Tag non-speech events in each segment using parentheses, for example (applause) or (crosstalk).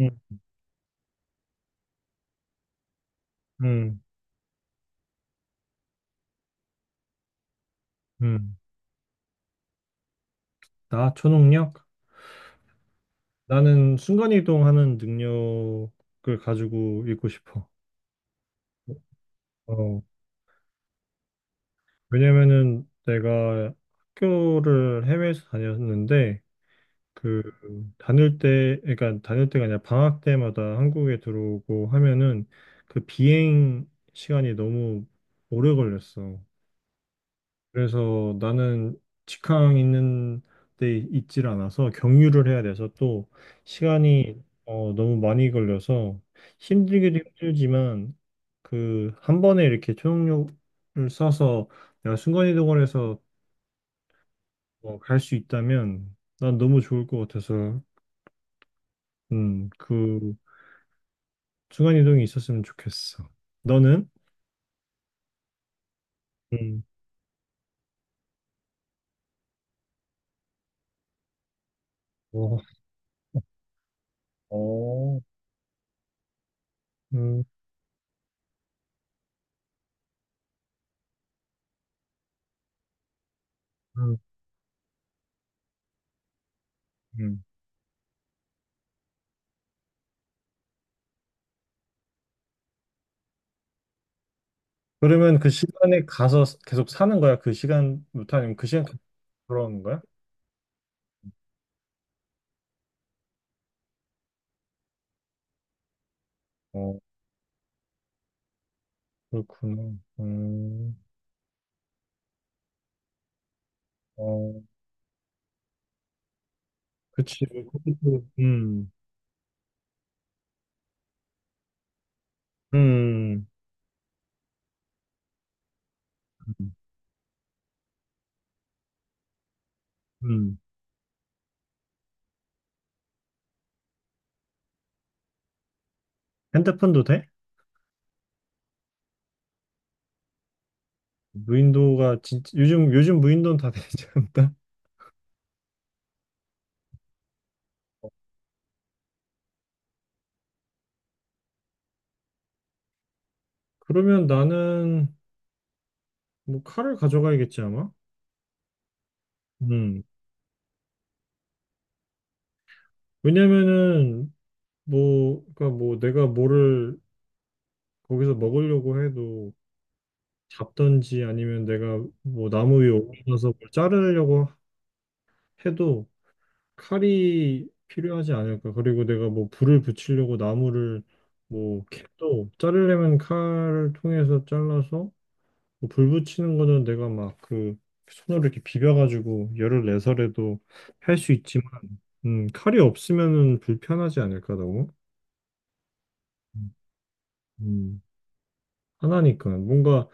음, 음, 음. 나 초능력? 나는 순간이동하는 능력을 가지고 있고 싶어. 어, 왜냐면은 내가 학교를 해외에서 다녔는데 그 다닐 때, 그러니까 다닐 때가 아니라 방학 때마다 한국에 들어오고 하면은 그 비행 시간이 너무 오래 걸렸어. 그래서 나는 직항 있는 데 있질 않아서 경유를 해야 돼서 또 시간이 너무 많이 걸려서 힘들기도 힘들지만 그 한 번에 이렇게 초능력을 써서 내가 순간이동을 해서 뭐 갈수 있다면 난 너무 좋을 것 같아서 그 순간이동이 있었으면 좋겠어. 너는? 음. 어, 어, 음, 음, 음. 그러면 그 시간에 가서 계속 사는 거야? 그 시간부터 아니면 그 시간 계속 돌아오는 거야? 어, 그렇구나. 어, 그치. 컴 음, 음, 음. 핸드폰도 돼? 무인도가 진짜 요즘 무인도는 다 (laughs) 되지 않나? 그러면 나는 뭐 칼을 가져가야겠지 아마. 음. 왜냐면은 뭐 그러니까 뭐 내가 뭐를 거기서 먹으려고 해도 잡든지 아니면 내가 뭐 나무 위에 올라서 뭘 자르려고 해도 칼이 필요하지 않을까. 그리고 내가 뭐 불을 붙이려고 나무를 뭐 캡도 자르려면 칼을 통해서 잘라서 뭐불 붙이는 거는 내가 막 그 손으로 이렇게 비벼가지고 열을 내서라도 할 수 있지만 칼이 없으면은 불편하지 않을까 너무. 음, 하나니까 뭔가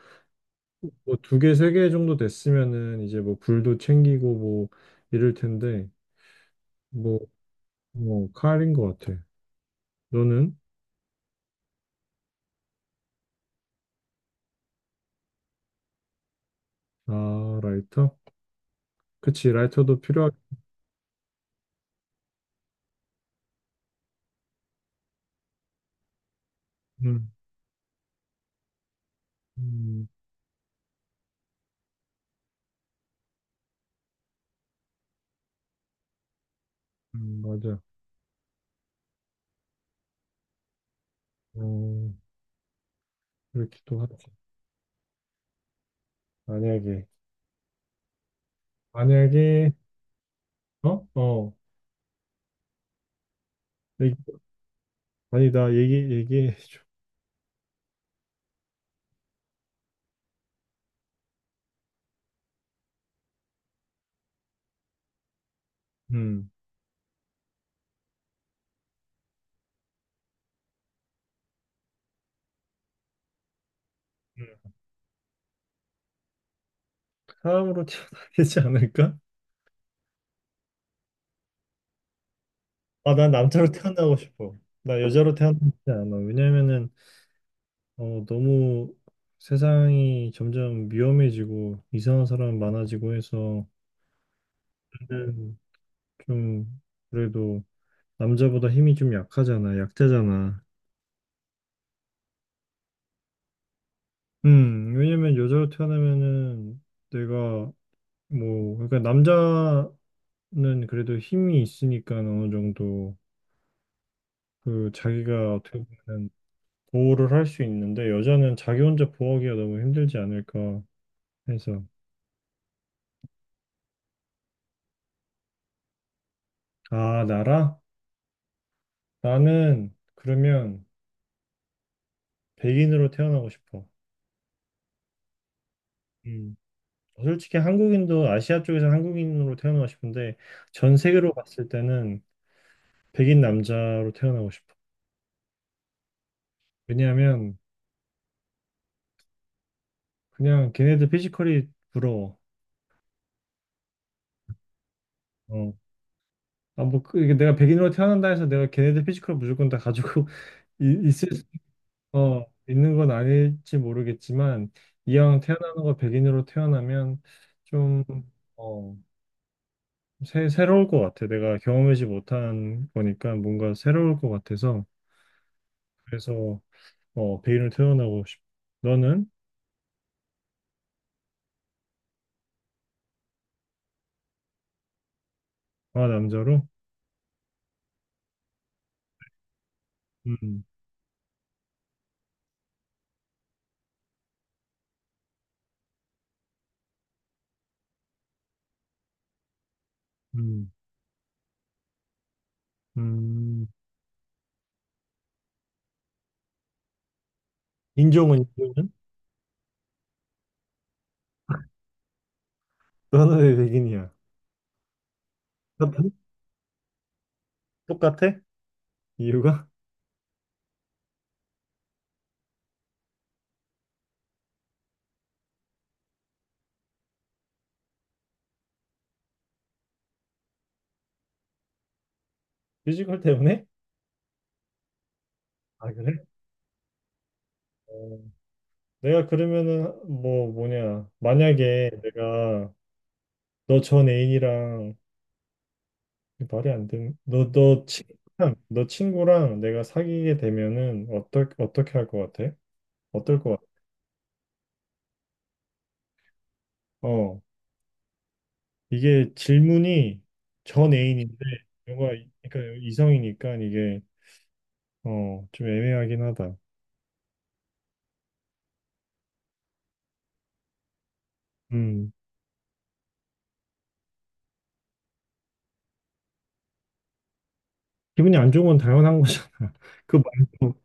뭐 두 개, 세 개 정도 됐으면은 이제 뭐 불도 챙기고 뭐 이럴 텐데 뭐, 뭐 칼인 것 같아. 너는? 아, 라이터? 그치, 라이터도 필요하. 음, 음, 맞아. 어, 이렇게 또 하지. 만약에, 만약에, 어, 어, 얘기, 아니 나 얘기해 줘. 음, 음. 사람으로 태어나야 되지 않을까? 아, 난 남자로 태어나고 싶어. 나 여자로 태어나지 않아. 왜냐면은 너무 세상이 점점 위험해지고 이상한 사람 많아지고 해서 는좀 그래도 남자보다 힘이 좀 약하잖아, 약자잖아. 왜냐면 여자로 태어나면은 내가 뭐 그러니까 남자는 그래도 힘이 있으니까 어느 정도 그 자기가 어떻게 보면 보호를 할 수 있는데 여자는 자기 혼자 보호하기가 너무 힘들지 않을까 해서 아, 나라? 나는 그러면 백인으로 태어나고 싶어. 음. 솔직히 한국인도 아시아 쪽에서 한국인으로 태어나고 싶은데 전 세계로 봤을 때는 백인 남자로 태어나고 싶어. 왜냐하면 그냥 걔네들 피지컬이 부러워. 어. 아, 뭐, 이게 내가 백인으로 태어난다 해서 내가 걔네들 피지컬 무조건 다 가지고 (laughs) 이- 있을 수- 있는 건 아닐지 모르겠지만 이왕 태어나는 거 백인으로 태어나면 좀 어, 새로울 것 같아. 내가 경험하지 못한 거니까 뭔가 새로울 것 같아서 그래서 베일을 태어나고 싶. 너는? 아, 남자로? 음, 음, 음. 인종은? 너는 왜 백인이야? 똑같아? 똑같아? 이유가? 피지컬 때문에? 아, 그래? 어, 내가 그러면은 뭐 뭐냐? 만약에 내가 너 전 애인이랑 말이 안 되는 너너 친구랑 너 친구랑 내가 사귀게 되면은 어떨 어떻게 할 것 같아? 어떨 것 같아? 어. 이게 질문이 전 애인인데 뭔가 그러니까 이성이니까 이게 좀 애매하긴 하다. 음 기분이 안 좋은 건 당연한 거잖아. (laughs) 그 말고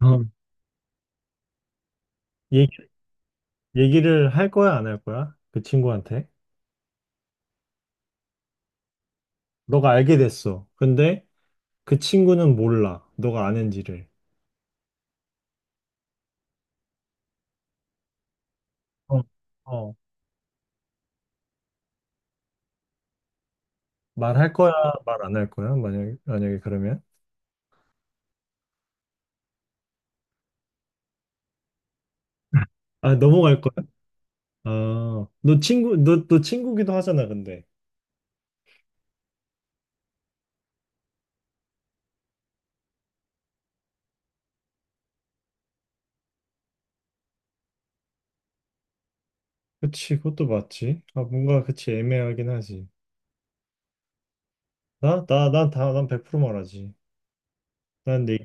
어, 얘기 얘기를 할 거야 안 할 거야? 그 친구한테 너가 알게 됐어. 근데 그 친구는 몰라. 너가 아는지를. 어, 어. 말할 거야 말 안 할 거야? 만약에 그러면 아 넘어갈 거야? 아너 친구 너 또 친구기도 하잖아 근데. 그치, 그것도 맞지. 아, 뭔가 그치 애매하긴 하지. 난 난 100% 말하지. 난 내,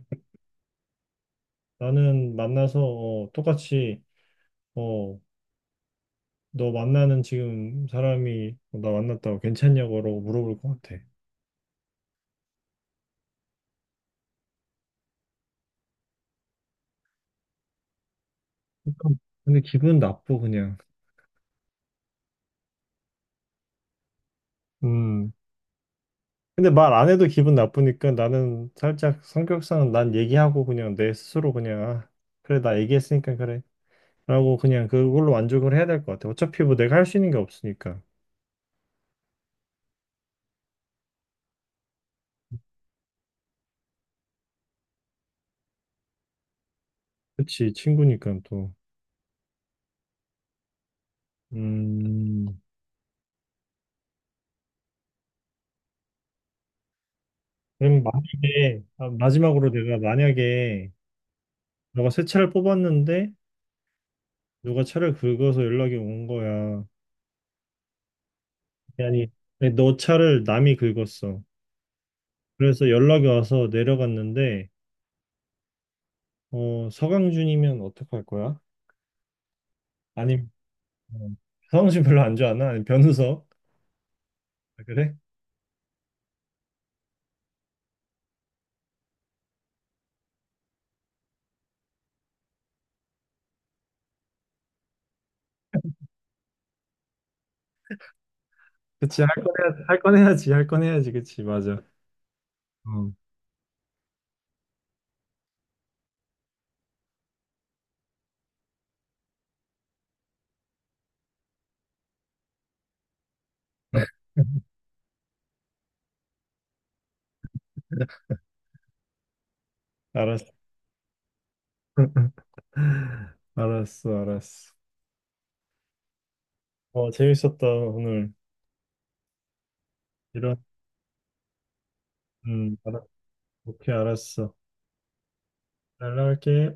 나는 만나서 똑같이 어, 너 만나는 지금 사람이 나 만났다고 괜찮냐고 물어볼 것 같아. 그러니까 근데 기분 나쁘 그냥. 음. 근데 말 안 해도 기분 나쁘니까 나는 살짝 성격상 난 얘기하고 그냥 내 스스로 그냥 아, 그래 나 얘기했으니까 그래. 라고 그냥 그걸로 만족을 해야 될 것 같아. 어차피 뭐 내가 할 수 있는 게 없으니까. 그치, 친구니까 또. 음, 그럼 만약에, 아, 마지막으로 내가 만약에 너가 새 차를 뽑았는데 누가 차를 긁어서 연락이 온 거야. 아니, 아니, 너 차를 남이 긁었어. 그래서 연락이 와서 내려갔는데, 서강준이면 어떡할 거야? 아니면, 어, 서강준 별로 안 좋아하나? 아니, 변우석? 아, 그래? 그치, 할 건 해야지, 할 건 해야지, 할 건 해야지, 그치, 맞아. 어. 알았어. (laughs) 알았어, 알았어. 어, 재밌었다, 오늘. 이런, 알았어. 오케이, 알았어. 연락할게.